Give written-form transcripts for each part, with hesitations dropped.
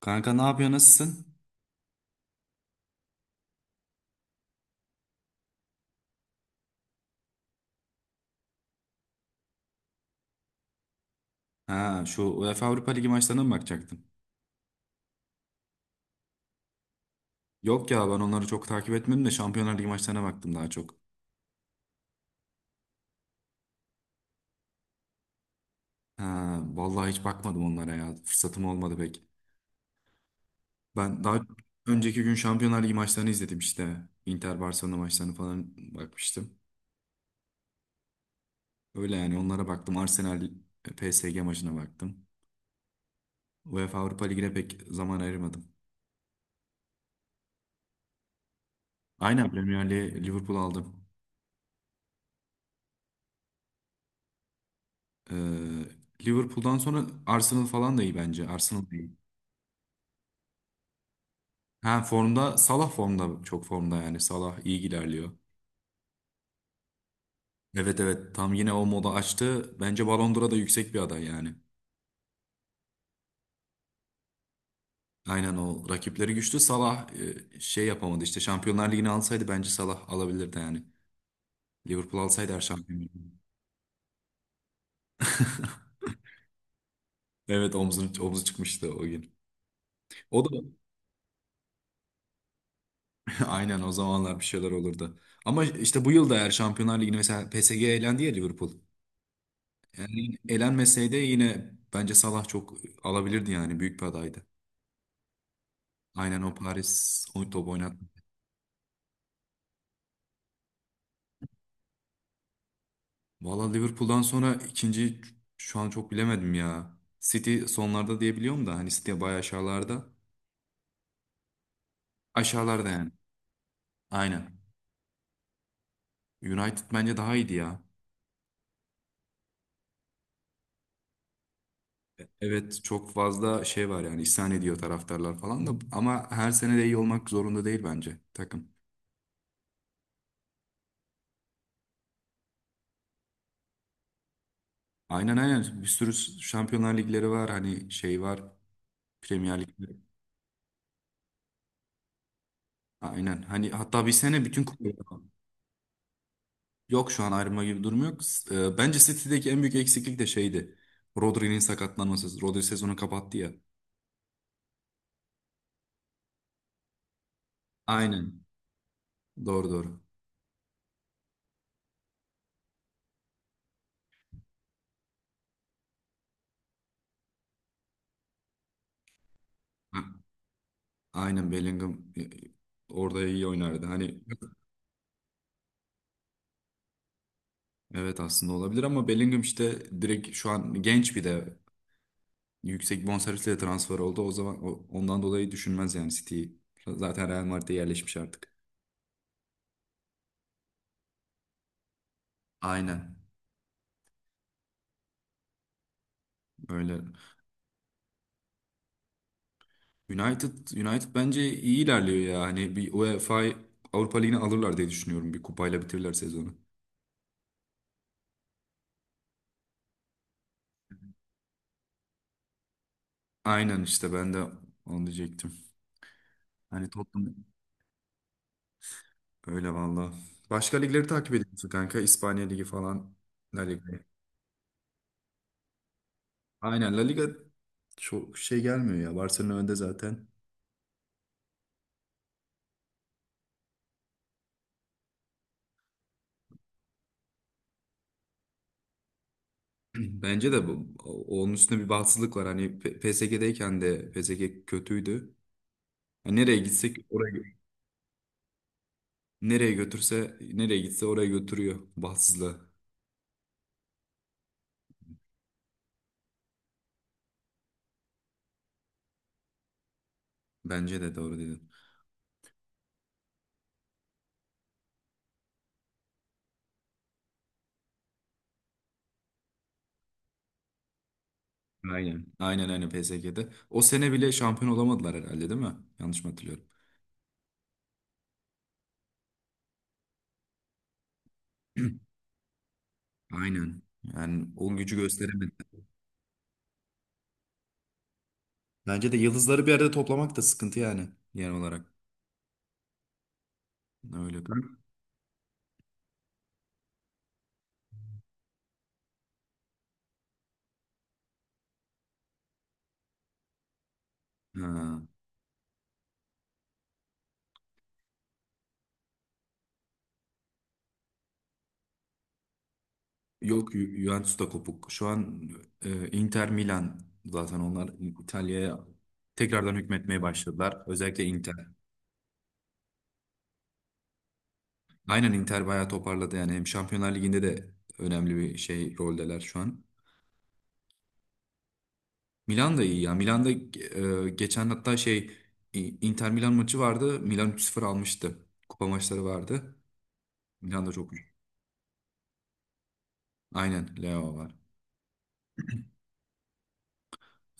Kanka ne yapıyor, nasılsın? Ha, şu UEFA Avrupa Ligi maçlarına mı bakacaktın? Yok ya, ben onları çok takip etmedim de Şampiyonlar Ligi maçlarına baktım daha çok. Ha vallahi hiç bakmadım onlara ya. Fırsatım olmadı pek. Ben daha önceki gün Şampiyonlar Ligi maçlarını izledim işte. Inter Barcelona maçlarını falan bakmıştım. Öyle yani, onlara baktım. Arsenal PSG maçına baktım. UEFA Avrupa Ligi'ne pek zaman ayırmadım. Aynen, Premier Lig'e Liverpool aldım. Ee, Liverpool'dan sonra Arsenal falan da iyi bence. Arsenal da iyi. Ha, formda, Salah formda, çok formda yani, Salah iyi ilerliyor. Evet evet, tam yine o moda açtı. Bence Ballon d'Or'a da yüksek bir aday yani. Aynen, o rakipleri güçlü. Salah şey yapamadı işte, Şampiyonlar Ligi'ni alsaydı bence Salah alabilirdi yani. Liverpool alsaydı her şampiyonluğu. Evet, omzunu, omzu çıkmıştı o gün. O da aynen, o zamanlar bir şeyler olurdu. Ama işte bu yıl da eğer Şampiyonlar Ligi'ni, mesela PSG elendi ya Liverpool. Yani elenmeseydi yine bence Salah çok alabilirdi yani, büyük bir adaydı. Aynen, o Paris o top oynat. Valla Liverpool'dan sonra ikinci şu an çok bilemedim ya. City sonlarda diyebiliyorum da, hani City bayağı aşağılarda. Aşağılarda yani. Aynen. United bence daha iyiydi ya. Evet, çok fazla şey var yani, isyan ediyor taraftarlar falan da, ama her sene de iyi olmak zorunda değil bence takım. Aynen aynen, bir sürü Şampiyonlar Ligleri var, hani şey var, Premier Ligleri. Aynen, hani hatta bir sene bütün kupaları. Yok, şu an ayrılma gibi bir durum yok. Bence City'deki en büyük eksiklik de şeydi. Rodri'nin sakatlanması. Rodri sezonu kapattı ya. Aynen. Doğru doğru. Ha, aynen Bellingham orada iyi oynardı. Hani evet, aslında olabilir, ama Bellingham işte direkt şu an genç, bir de yüksek bonservisle transfer oldu. O zaman ondan dolayı düşünmez yani City'yi. Zaten Real Madrid'e yerleşmiş artık. Aynen. Öyle. United, United bence iyi ilerliyor ya. Hani bir UEFA Avrupa Ligi'ni alırlar diye düşünüyorum. Bir kupayla bitirirler sezonu. Aynen işte, ben de onu diyecektim. Hani Tottenham, öyle valla. Başka ligleri takip ediyorsun kanka. İspanya Ligi falan. La Liga. Aynen, La Liga çok şey gelmiyor ya. Barcelona önde zaten. Bence de bu, onun üstünde bir bahtsızlık var. Hani PSG'deyken de PSG kötüydü. Hani nereye gitsek oraya, nereye götürse nereye gitse oraya götürüyor bahtsızlığa. Bence de doğru dedin. Aynen. Aynen PSG'de. O sene bile şampiyon olamadılar herhalde, değil mi? Yanlış mı hatırlıyorum? Aynen. Yani o gücü gösteremediler. Bence de yıldızları bir arada toplamak da sıkıntı yani, genel olarak. Öyle. Değil mi? Ha. Yok, Juventus da kopuk. Şu an Inter Milan, zaten onlar İtalya'ya tekrardan hükmetmeye başladılar. Özellikle Inter. Aynen, Inter bayağı toparladı yani. Hem Şampiyonlar Ligi'nde de önemli bir şey roldeler şu an. Milan da iyi ya. Milan'da geçen hatta şey Inter Milan maçı vardı. Milan 3-0 almıştı. Kupa maçları vardı. Milan da çok iyi. Aynen, Leo var.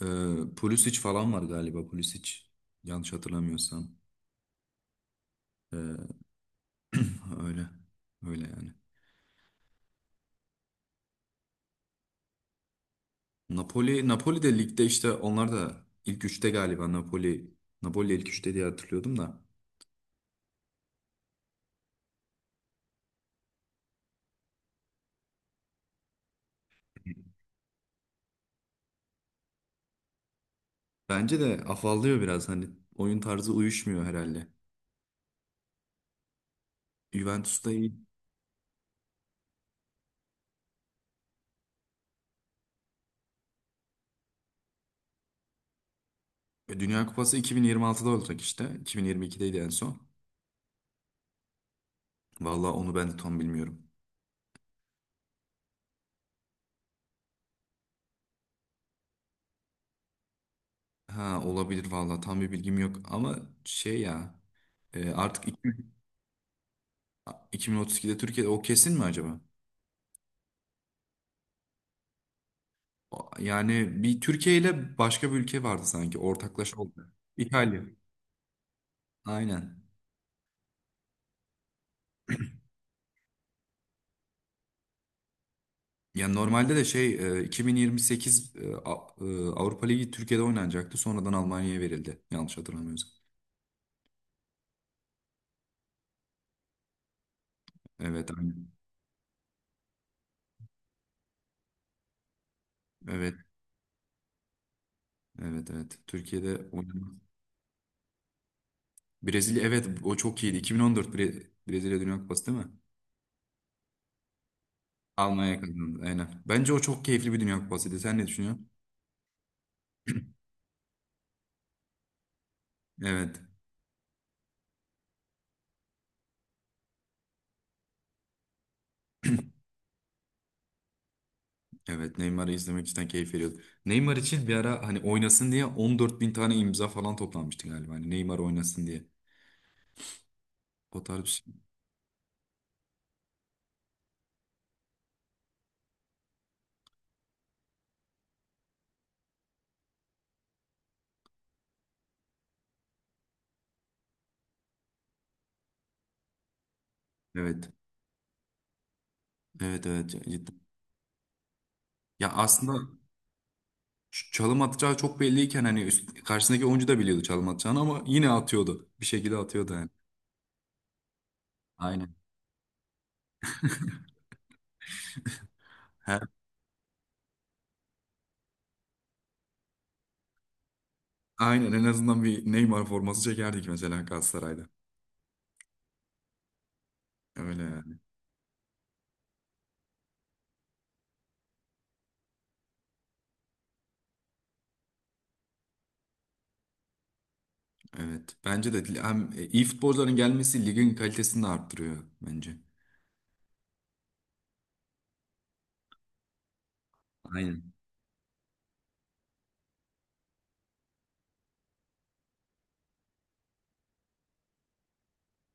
E, Pulisic falan var galiba, Pulisic. Yanlış hatırlamıyorsam. E, öyle. Öyle yani. Napoli, Napoli de ligde, işte onlar da ilk üçte galiba, Napoli. Napoli ilk üçte diye hatırlıyordum da. Bence de afallıyor biraz, hani oyun tarzı uyuşmuyor herhalde. Juventus da iyi. Dünya Kupası 2026'da olacak işte. 2022'deydi en son. Vallahi onu ben de tam bilmiyorum. Ha olabilir vallahi, tam bir bilgim yok ama şey ya, e, artık iki- 2032'de Türkiye, o kesin mi acaba? Yani bir Türkiye ile başka bir ülke vardı sanki, ortaklaşa oldu. İtalya. Aynen. Yani normalde de şey, 2028 Avrupa Ligi Türkiye'de oynanacaktı. Sonradan Almanya'ya verildi. Yanlış hatırlamıyorsam. Evet aynen. Evet evet. Türkiye'de oynamak Brezilya, evet, o çok iyiydi. 2014 Brezilya Dünya Kupası değil mi? Almanya kazandı aynen. Bence o çok keyifli bir Dünya Kupasıydı. Sen ne düşünüyorsun? Evet. Evet, Neymar'ı izlemek cidden keyif veriyordu. Neymar için bir ara hani oynasın diye 14 bin tane imza falan toplanmıştı galiba. Hani Neymar oynasın diye. O tarz bir şey. Evet. Evet evet, cidden. Ya aslında çalım atacağı çok belliyken, hani karşısındaki oyuncu da biliyordu çalım atacağını, ama yine atıyordu. Bir şekilde atıyordu yani. Aynen. Her, aynen en azından bir Neymar forması çekerdik mesela Galatasaray'da. Öyle yani. Evet. Bence de hem iyi futbolcuların gelmesi ligin kalitesini de arttırıyor bence. Aynen.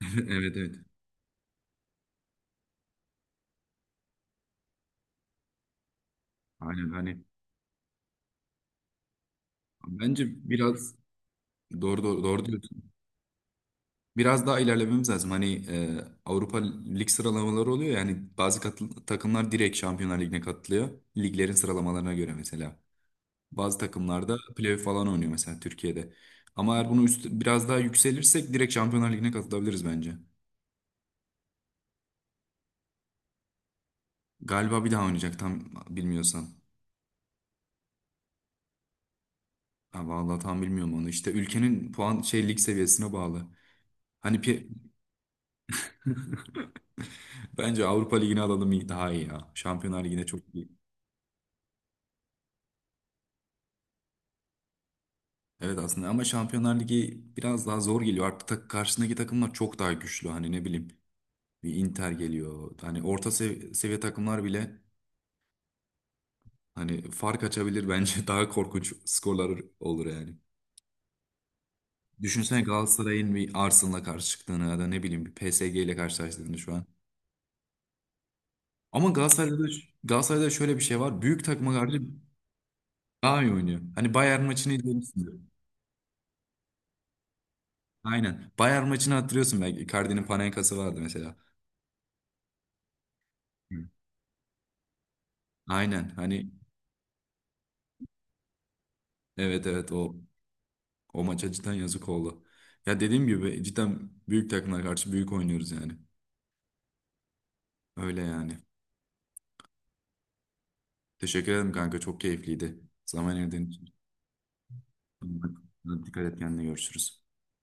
Evet evet. Aynen hani, bence biraz doğru doğru, doğru diyorsun. Biraz daha ilerlememiz lazım. Hani Avrupa Lig sıralamaları oluyor, yani bazı takımlar direkt Şampiyonlar Ligi'ne katılıyor. Liglerin sıralamalarına göre mesela. Bazı takımlarda playoff falan oynuyor, mesela Türkiye'de. Ama eğer bunu üst, biraz daha yükselirsek direkt Şampiyonlar Ligi'ne katılabiliriz bence. Galiba bir daha oynayacak, tam bilmiyorsam. Ha, vallahi tam bilmiyorum onu. İşte ülkenin puan şey lig seviyesine bağlı. Hani pi- bence Avrupa Ligi'ni alalım, daha iyi ya. Şampiyonlar Ligi'ne çok iyi. Evet aslında, ama Şampiyonlar Ligi biraz daha zor geliyor. Artık karşısındaki takımlar çok daha güçlü. Hani ne bileyim, bir Inter geliyor. Hani orta seviye takımlar bile hani fark açabilir bence. Daha korkunç skorlar olur yani. Düşünsene Galatasaray'ın bir Arsenal'la karşı çıktığını, ya da ne bileyim bir PSG ile karşılaştığını şu an. Ama Galatasaray'da da, Galatasaray'da şöyle bir şey var. Büyük takıma karşı daha iyi oynuyor. Hani Bayern maçını izlemişsindir. Aynen. Bayern maçını hatırlıyorsun belki. Icardi'nin Panenka'sı vardı mesela. Hı. Aynen. Hani evet, o maça cidden yazık oldu. Ya dediğim gibi, cidden büyük takımlara karşı büyük oynuyoruz yani. Öyle yani. Teşekkür ederim kanka. Çok keyifliydi. Zaman ayırdığın için. Dikkat et kendine. Görüşürüz.